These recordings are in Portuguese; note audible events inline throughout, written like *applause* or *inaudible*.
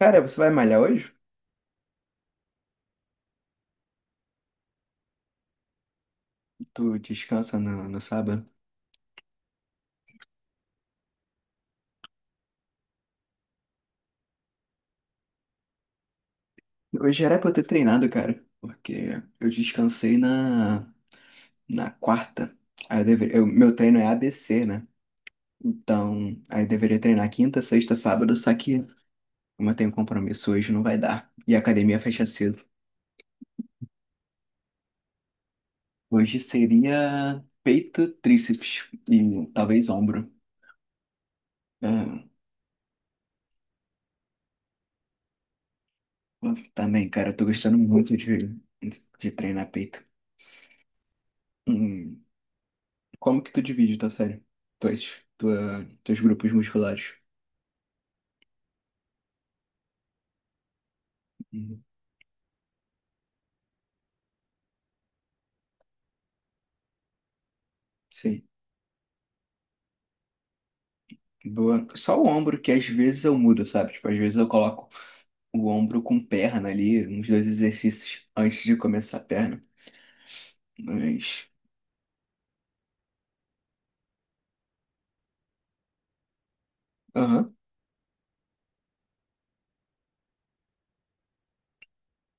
Cara, você vai malhar hoje? Tu descansa no sábado? Hoje era pra eu ter treinado, cara, porque eu descansei na quarta. Aí meu treino é ABC, né? Então, aí eu deveria treinar quinta, sexta, sábado, só que como eu tenho compromisso hoje, não vai dar. E a academia fecha cedo. Hoje seria peito, tríceps e talvez ombro. Ah, também, cara, eu tô gostando muito de treinar peito. Hum. Como que tu divide tua série? Teus grupos musculares. Uhum. Sim. Boa. Só o ombro, que às vezes eu mudo, sabe? Tipo, às vezes eu coloco o ombro com perna ali, uns dois exercícios antes de começar a perna. Mas. Aham.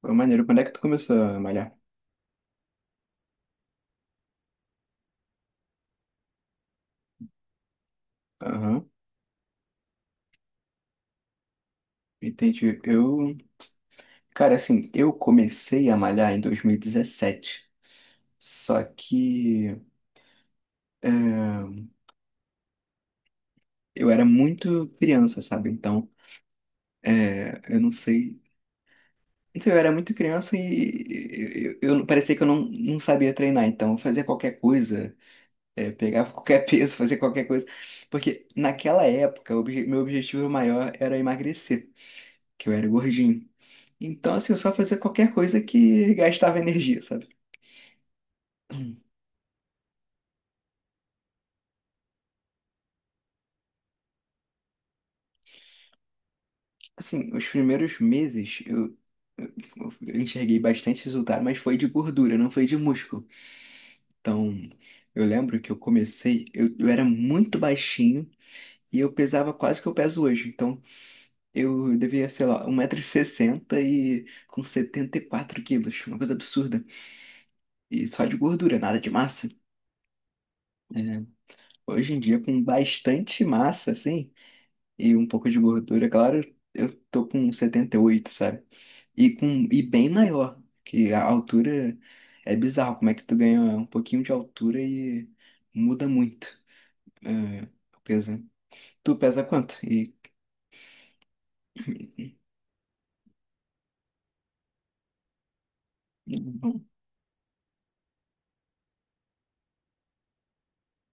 Foi maneiro. Quando é que tu começou a malhar? Aham. Entendi. Eu. Cara, assim, eu comecei a malhar em 2017. Só que é, eu era muito criança, sabe? Então. É, eu não sei Não sei, eu era muito criança e parecia que eu não sabia treinar, então eu fazia qualquer coisa, pegava qualquer peso, *laughs* fazia qualquer coisa. Porque naquela época, meu objetivo maior era emagrecer, que eu era gordinho. Então, assim, eu só fazia qualquer coisa que gastava energia, sabe? Assim, os primeiros meses eu- eu enxerguei bastante resultado, mas foi de gordura, não foi de músculo. Então, eu lembro que eu comecei, eu era muito baixinho. E eu pesava quase que eu peso hoje. Então, eu devia, sei lá, 1,60 m e com 74 quilos, uma coisa absurda. E só de gordura, nada de massa. É, hoje em dia, com bastante massa, assim, e um pouco de gordura, claro, eu tô com 78, sabe? E, e bem maior, que a altura é bizarro, como é que tu ganha um pouquinho de altura e muda muito. É, o peso. Tu pesa quanto? E... *laughs* *clears throat*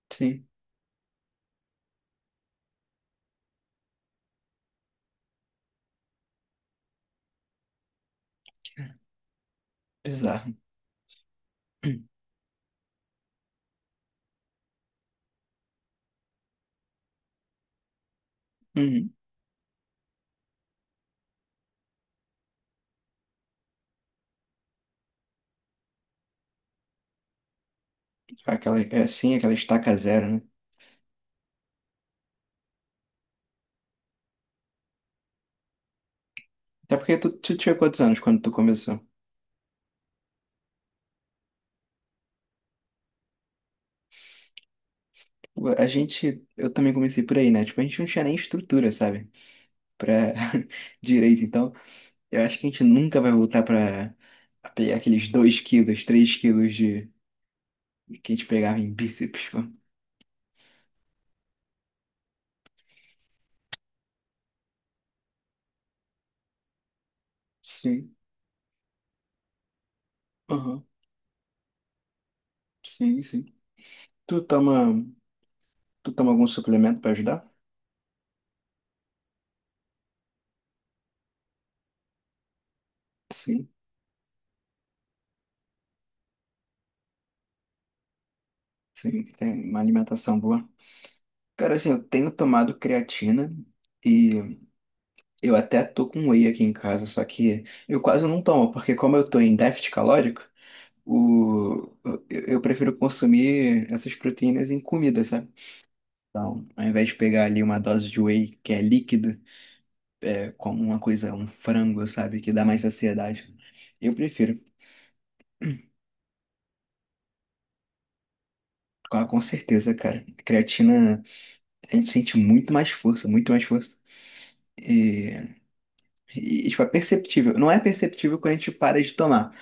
Sim, bizarro. *clears throat* Aquela, é, sim, aquela estaca zero, né? Até porque tu tinha quantos anos quando tu começou? Tipo, eu também comecei por aí, né? Tipo, a gente não tinha nem estrutura, sabe? Pra *laughs* direito. Então, eu acho que a gente nunca vai voltar pra a pegar aqueles 2 quilos, 3 quilos de que a gente pegava em bíceps, pô. Sim, aham. Sim, sim. Tu toma, tu toma algum suplemento pra ajudar? Sim, sim, tem uma alimentação boa. Cara, assim, eu tenho tomado creatina. E eu até tô com whey aqui em casa, só que eu quase não tomo, porque como eu tô em déficit calórico, o... eu prefiro consumir essas proteínas em comida, sabe? Então, ao invés de pegar ali uma dose de whey, que é líquido, é como uma coisa, um frango, sabe? Que dá mais saciedade. Eu prefiro, com certeza, cara. Creatina, a gente sente muito mais força, muito mais força. E, e tipo, é perceptível. Não é perceptível quando a gente para de tomar.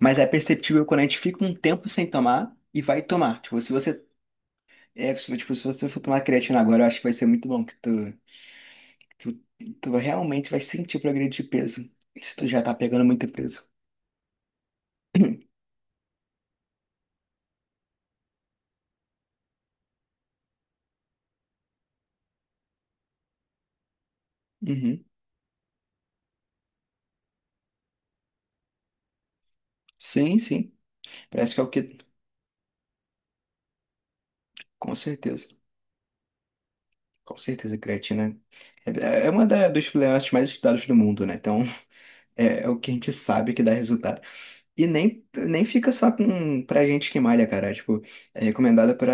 Mas é perceptível quando a gente fica um tempo sem tomar e vai tomar. Tipo, se você. É, tipo, se você for tomar creatina agora, eu acho que vai ser muito bom, que tu, tu realmente vai sentir o progresso de peso. Se tu já tá pegando muito peso. Uhum. Sim, sim. Parece que é o que. Com certeza. Com certeza, a creatina é, é uma dos suplementos mais estudados do mundo, né? Então, *laughs* é o que a gente sabe que dá resultado. E nem fica só pra gente que malha, cara. Tipo, é recomendada para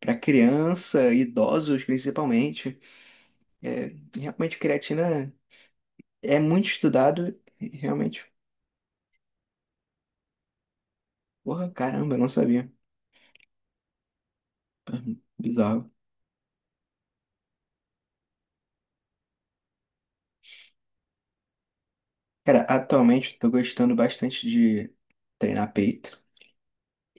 criança, idosos principalmente. É, realmente, creatina é muito estudado e realmente, porra, caramba, eu não sabia. Bizarro. Cara, atualmente eu tô gostando bastante de treinar peito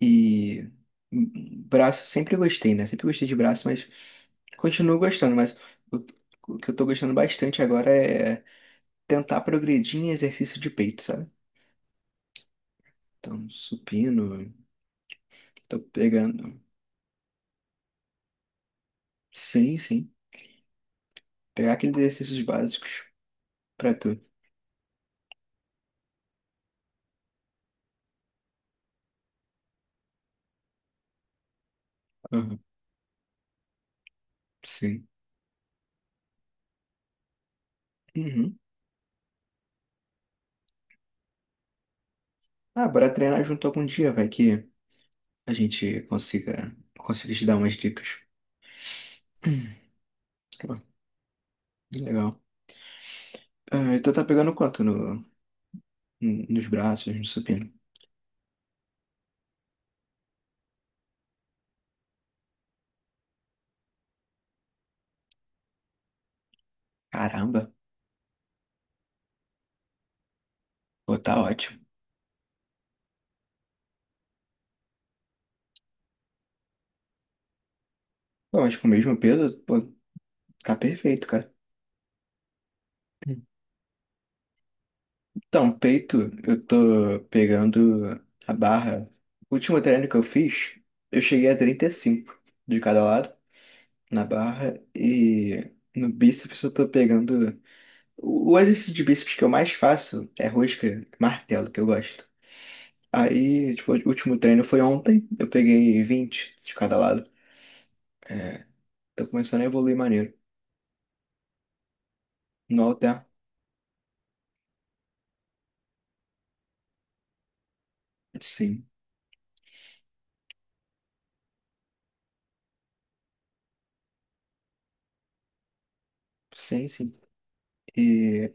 e braço, sempre gostei, né? Sempre gostei de braço, mas continuo gostando, mas o o que eu tô gostando bastante agora é tentar progredir em exercício de peito, sabe? Então, supino, tô pegando. Sim, sim. Pegar aqueles exercícios básicos. Pra tu. Aham. Sim. Uhum. Ah, bora treinar junto algum dia, vai que a gente consiga te dar umas dicas. Pô, legal. Ah, então tá pegando quanto nos braços, no supino? Caramba, pô, tá ótimo. Pô, mas com o mesmo peso, pô, tá perfeito, cara. Hum. Então, peito, eu tô pegando a barra. O último treino que eu fiz, eu cheguei a 35 de cada lado, na barra, e no bíceps eu tô pegando. O exercício de bíceps que eu mais faço é rosca, martelo, que eu gosto. Aí, tipo, o último treino foi ontem, eu peguei 20 de cada lado. É, tô começando a evoluir maneiro. No alter, sim, sim, sim. E,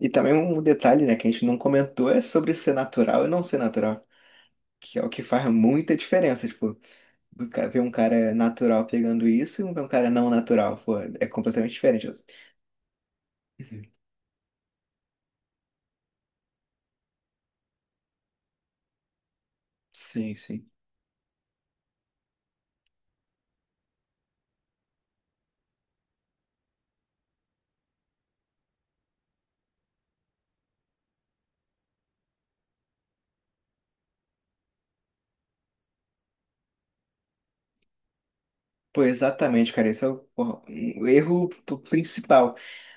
e também um detalhe, né, que a gente não comentou é sobre ser natural e não ser natural, que é o que faz muita diferença, tipo, ver um cara natural pegando isso e ver um cara não natural, pô, é completamente diferente. Uhum. Sim, sim. Pô, exatamente, cara. Esse é o, porra, o erro principal.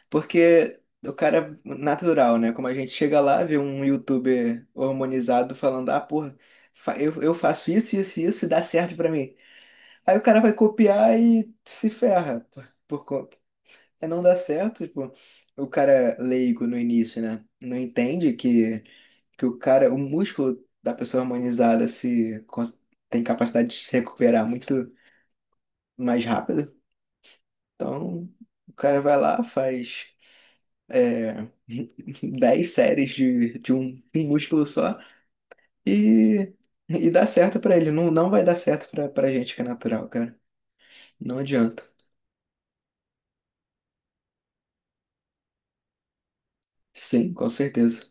Porque o cara natural, né? Como a gente chega lá, vê um youtuber hormonizado falando, ah, porra, eu faço isso, isso e isso e dá certo pra mim. Aí o cara vai copiar e se ferra. É não dá certo, tipo, o cara leigo no início, né? Não entende que o músculo da pessoa hormonizada se cons- tem capacidade de se recuperar muito mais rápido. Então, o cara vai lá, faz é, *laughs* 10 séries de um músculo só e, e dá certo pra ele. Não, não vai dar certo pra gente que é natural, cara. Não adianta. Sim, com certeza.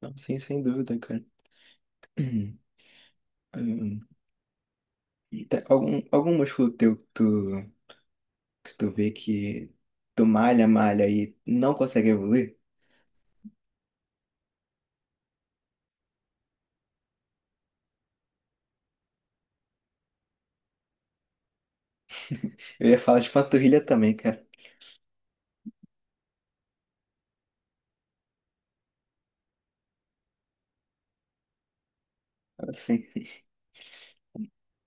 Não, sim, sem dúvida, cara. *clears throat* Hum, tem algum músculo teu que tu vê que tu malha e não consegue evoluir? Eu ia falar de panturrilha também, cara. Assim. *laughs*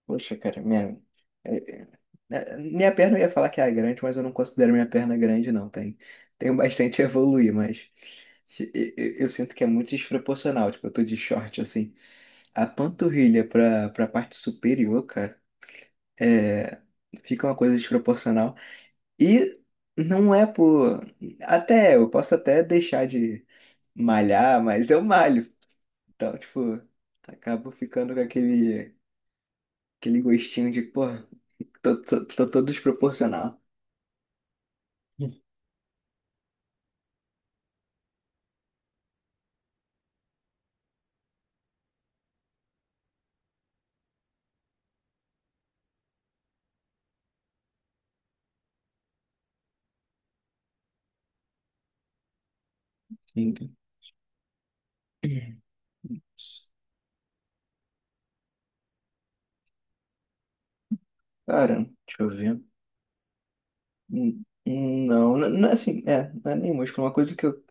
Poxa, cara, é- minha perna eu ia falar que é grande, mas eu não considero minha perna grande, não. Tenho bastante *laughs* a evoluir, mas eu sinto que é muito desproporcional. Tipo, eu tô de short assim. A panturrilha pra parte superior, cara, é, fica uma coisa desproporcional. E não é por. Até eu posso até deixar de malhar, mas eu malho. Então, tipo, acabo ficando com aquele gostinho de, pô. Tô todo desproporcional. Sim. Cara, deixa eu ver. Não, não, não é assim, não é nem músculo. Uma coisa que eu,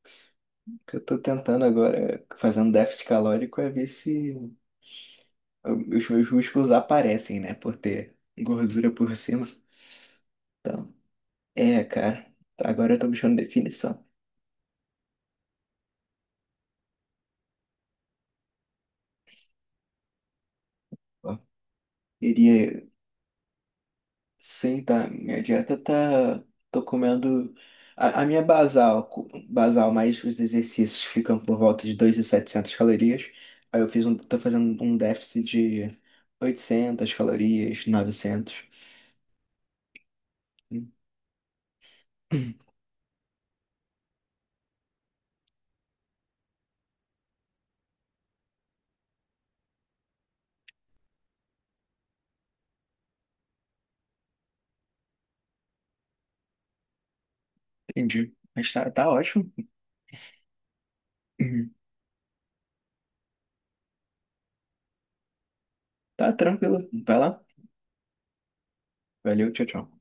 que eu tô tentando agora, é, fazendo déficit calórico, é ver se os meus músculos aparecem, né? Por ter gordura por cima. Então, cara. Agora eu tô buscando definição. Ó, queria. Sim, tá. Minha dieta tá. Tô comendo. A minha basal, basal mais os exercícios ficam por volta de 2.700 calorias. Aí tô fazendo um déficit de 800 calorias, 900. Entendi. Mas tá, ótimo. Uhum. Tá tranquilo. Vai lá. Valeu, tchau, tchau.